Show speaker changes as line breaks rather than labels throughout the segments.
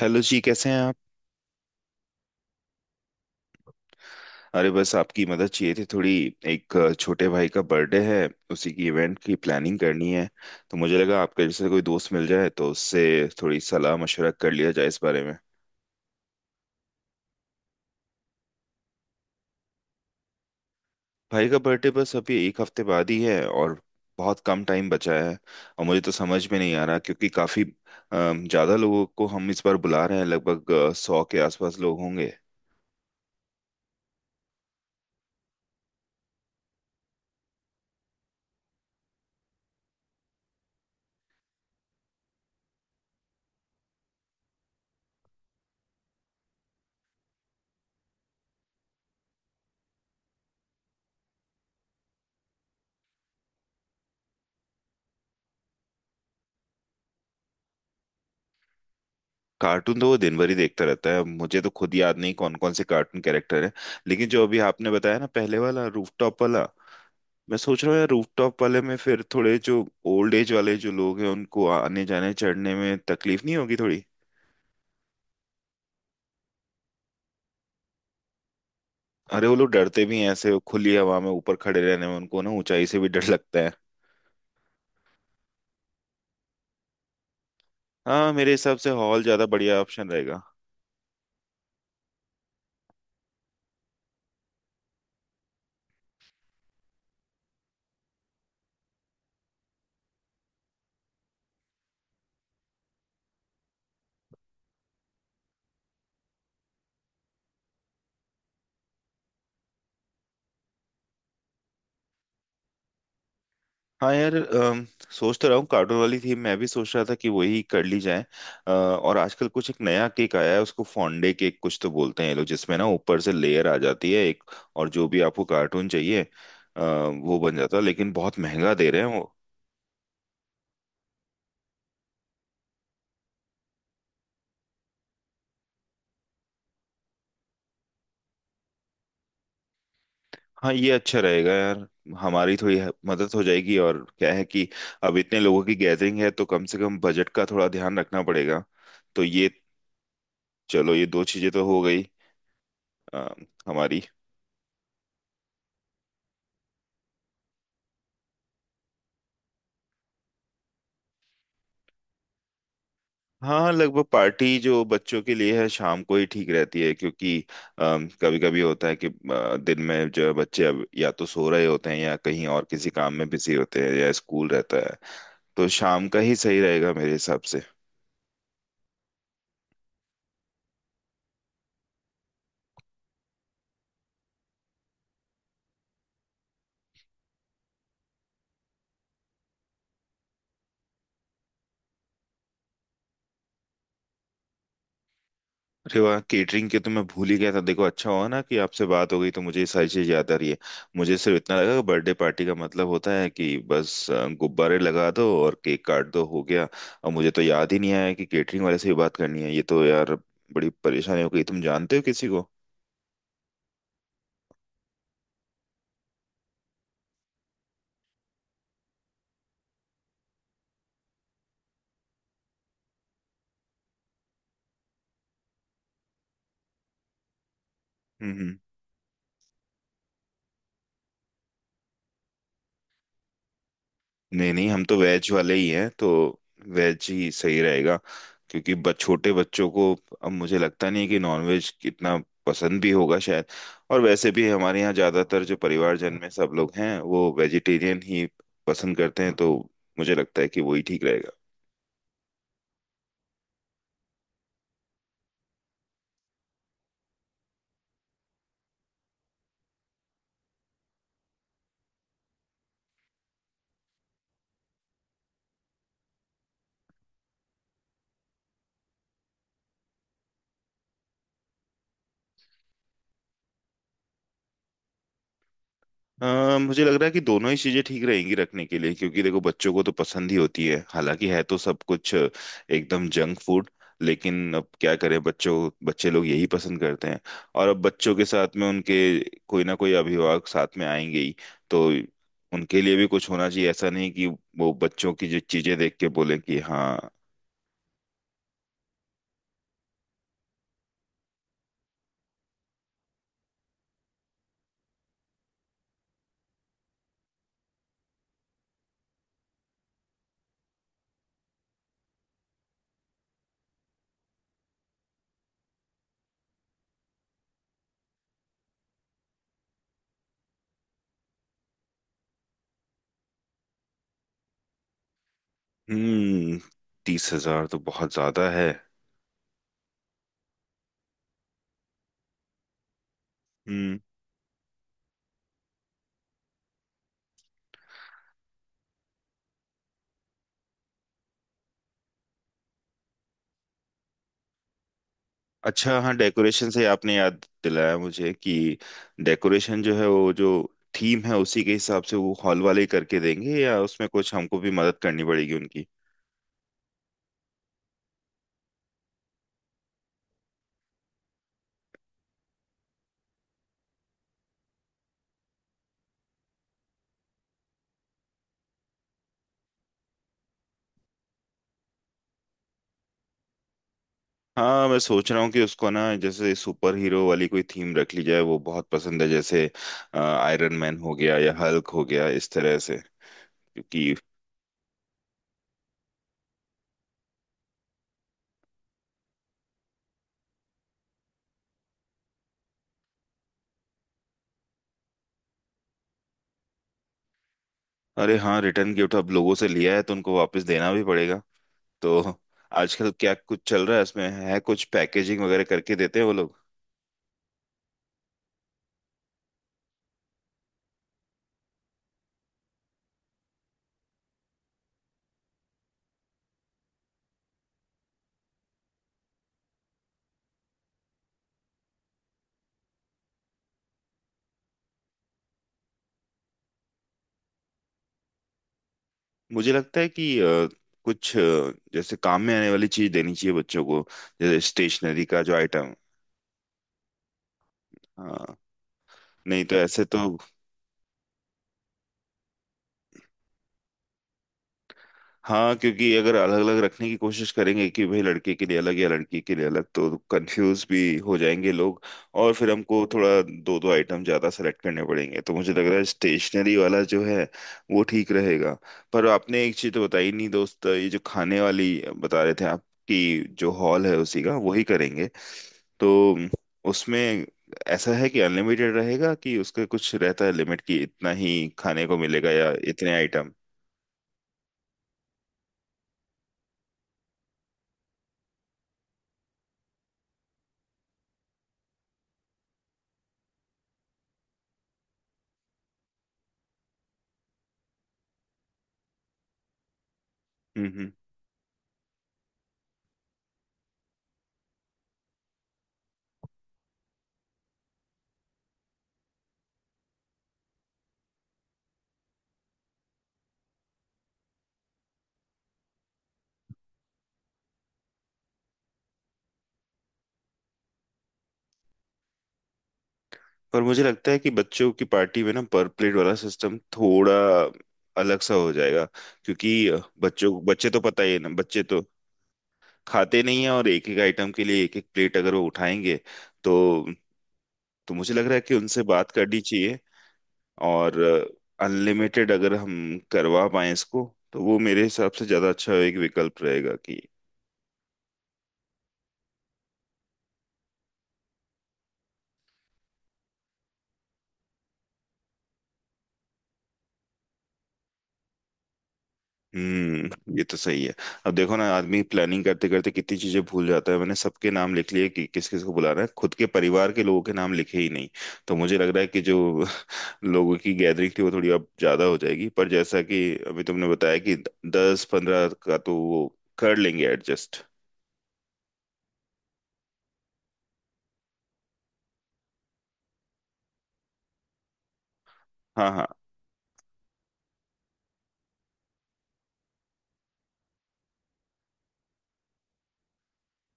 Hello जी, कैसे हैं आप। अरे बस आपकी मदद चाहिए थी थोड़ी। एक छोटे भाई का बर्थडे है, उसी की इवेंट की प्लानिंग करनी है। तो मुझे लगा आपके जैसे कोई दोस्त मिल जाए तो उससे थोड़ी सलाह मशवरा कर लिया जाए इस बारे में। भाई का बर्थडे बस अभी एक हफ्ते बाद ही है, और बहुत कम टाइम बचा है। और मुझे तो समझ में नहीं आ रहा, क्योंकि काफ़ी ज़्यादा लोगों को हम इस बार बुला रहे हैं, लगभग 100 के आसपास लोग होंगे। कार्टून तो वो दिन भर ही देखता रहता है, मुझे तो खुद याद नहीं कौन कौन से कार्टून कैरेक्टर हैं। लेकिन जो अभी आपने बताया ना, पहले वाला रूफटॉप वाला। मैं सोच रहा हूँ यार, रूफटॉप वाले में फिर थोड़े जो ओल्ड एज वाले जो लोग हैं उनको आने जाने चढ़ने में तकलीफ नहीं होगी थोड़ी। अरे वो लोग डरते भी हैं ऐसे, वो खुली हवा में ऊपर खड़े रहने में उनको ना ऊंचाई से भी डर लगता है। हाँ, मेरे हिसाब से हॉल ज्यादा बढ़िया ऑप्शन रहेगा। हाँ यार, सोच तो रहा हूँ कार्टून वाली थी मैं भी सोच रहा था कि वही कर ली जाए। और आजकल कुछ एक नया केक आया है, उसको फॉन्डे केक कुछ तो बोलते हैं ये लोग, जिसमें ना ऊपर से लेयर आ जाती है एक। और जो भी आपको कार्टून चाहिए वो बन जाता है, लेकिन बहुत महंगा दे रहे हैं वो। हाँ ये अच्छा रहेगा यार। हमारी थोड़ी मदद हो जाएगी, और क्या है कि अब इतने लोगों की गैदरिंग है तो कम से कम बजट का थोड़ा ध्यान रखना पड़ेगा। तो ये, चलो ये दो चीजें तो हो गई। अ, हमारी। हाँ, लगभग पार्टी जो बच्चों के लिए है शाम को ही ठीक रहती है, क्योंकि कभी कभी होता है कि दिन में जो है बच्चे अब या तो सो रहे होते हैं या कहीं और किसी काम में बिजी होते हैं या स्कूल रहता है। तो शाम का ही सही रहेगा मेरे हिसाब से। अरे वाह, केटरिंग के तो मैं भूल ही गया था। देखो अच्छा हुआ ना कि आपसे बात हो गई, तो मुझे ये सारी चीज याद आ रही है। मुझे सिर्फ इतना लगा कि बर्थडे पार्टी का मतलब होता है कि बस गुब्बारे लगा दो और केक काट दो, हो गया। और मुझे तो याद ही नहीं आया कि केटरिंग वाले से भी बात करनी है, ये तो यार बड़ी परेशानी हो गई। तुम जानते हो किसी को। हम्म हम्म। नहीं नहीं, हम तो वेज वाले ही हैं तो वेज ही सही रहेगा। क्योंकि छोटे बच्चों को अब मुझे लगता नहीं है कि नॉनवेज इतना पसंद भी होगा शायद। और वैसे भी हमारे यहाँ ज्यादातर जो परिवारजन में सब लोग हैं वो वेजिटेरियन ही पसंद करते हैं, तो मुझे लगता है कि वही ठीक रहेगा। मुझे लग रहा है कि दोनों ही चीजें ठीक रहेंगी रखने के लिए, क्योंकि देखो बच्चों को तो पसंद ही होती है, हालांकि है तो सब कुछ एकदम जंक फूड। लेकिन अब क्या करें, बच्चों बच्चे लोग यही पसंद करते हैं। और अब बच्चों के साथ में उनके कोई ना कोई अभिभावक साथ में आएंगे ही, तो उनके लिए भी कुछ होना चाहिए। ऐसा नहीं कि वो बच्चों की जो चीजें देख के बोले कि हाँ। हम्म 30,000 तो बहुत ज्यादा है। हम्म, अच्छा हाँ, डेकोरेशन से आपने याद दिलाया मुझे कि डेकोरेशन जो है वो जो थीम है उसी के हिसाब से वो हॉल वाले करके देंगे, या उसमें कुछ हमको भी मदद करनी पड़ेगी उनकी। हाँ, मैं सोच रहा हूँ कि उसको ना जैसे सुपर हीरो वाली कोई थीम रख ली जाए, वो बहुत पसंद है जैसे, आयरन मैन हो गया या हल्क हो गया इस तरह से, क्योंकि। अरे हाँ, रिटर्न गिफ्ट अब लोगों से लिया है तो उनको वापस देना भी पड़ेगा। तो आजकल क्या कुछ चल रहा है इसमें, है कुछ पैकेजिंग वगैरह करके देते हैं वो लोग। मुझे लगता है कि कुछ जैसे काम में आने वाली चीज देनी चाहिए बच्चों को। जैसे स्टेशनरी का जो आइटम, हाँ। नहीं तो ऐसे तो, हाँ। क्योंकि अगर अलग अलग रखने की कोशिश करेंगे कि भाई लड़के के लिए अलग या लड़की के लिए अलग तो कंफ्यूज भी हो जाएंगे लोग। और फिर हमको थोड़ा दो दो आइटम ज्यादा सेलेक्ट करने पड़ेंगे, तो मुझे लग रहा है स्टेशनरी वाला जो है वो ठीक रहेगा। पर आपने एक चीज तो बताई नहीं दोस्त, ये जो खाने वाली बता रहे थे आप, कि जो हॉल है उसी का वही करेंगे तो उसमें ऐसा है कि अनलिमिटेड रहेगा, कि उसका कुछ रहता है लिमिट कि इतना ही खाने को मिलेगा या इतने आइटम। पर मुझे लगता है कि बच्चों की पार्टी में ना पर प्लेट वाला सिस्टम थोड़ा अलग सा हो जाएगा, क्योंकि बच्चों बच्चे तो पता ही है ना, बच्चे तो खाते नहीं है और एक एक आइटम के लिए एक एक प्लेट अगर वो उठाएंगे तो। तो मुझे लग रहा है कि उनसे बात करनी चाहिए, और अनलिमिटेड अगर हम करवा पाए इसको तो वो मेरे हिसाब से ज्यादा अच्छा एक विकल्प रहेगा कि। ये तो सही है। अब देखो ना, आदमी प्लानिंग करते करते कितनी चीजें भूल जाता है। मैंने सबके नाम लिख लिए कि किस किस को बुलाना है, खुद के परिवार के लोगों के नाम लिखे ही नहीं। तो मुझे लग रहा है कि जो लोगों की गैदरिंग थी वो थोड़ी अब ज्यादा हो जाएगी, पर जैसा कि अभी तुमने बताया कि 10-15 का तो वो कर लेंगे एडजस्ट। हाँ हाँ,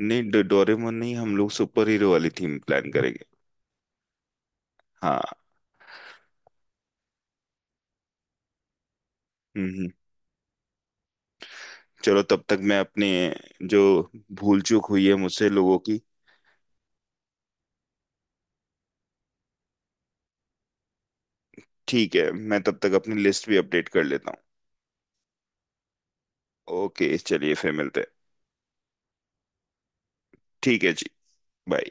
नहीं डोरेमोन नहीं, हम लोग सुपर हीरो वाली थीम प्लान करेंगे। हाँ। हम्म हम्म। चलो तब तक मैं अपने, जो भूल चूक हुई है मुझसे लोगों की। ठीक है, मैं तब तक अपनी लिस्ट भी अपडेट कर लेता हूँ। ओके, चलिए फिर मिलते हैं। ठीक है जी, बाय।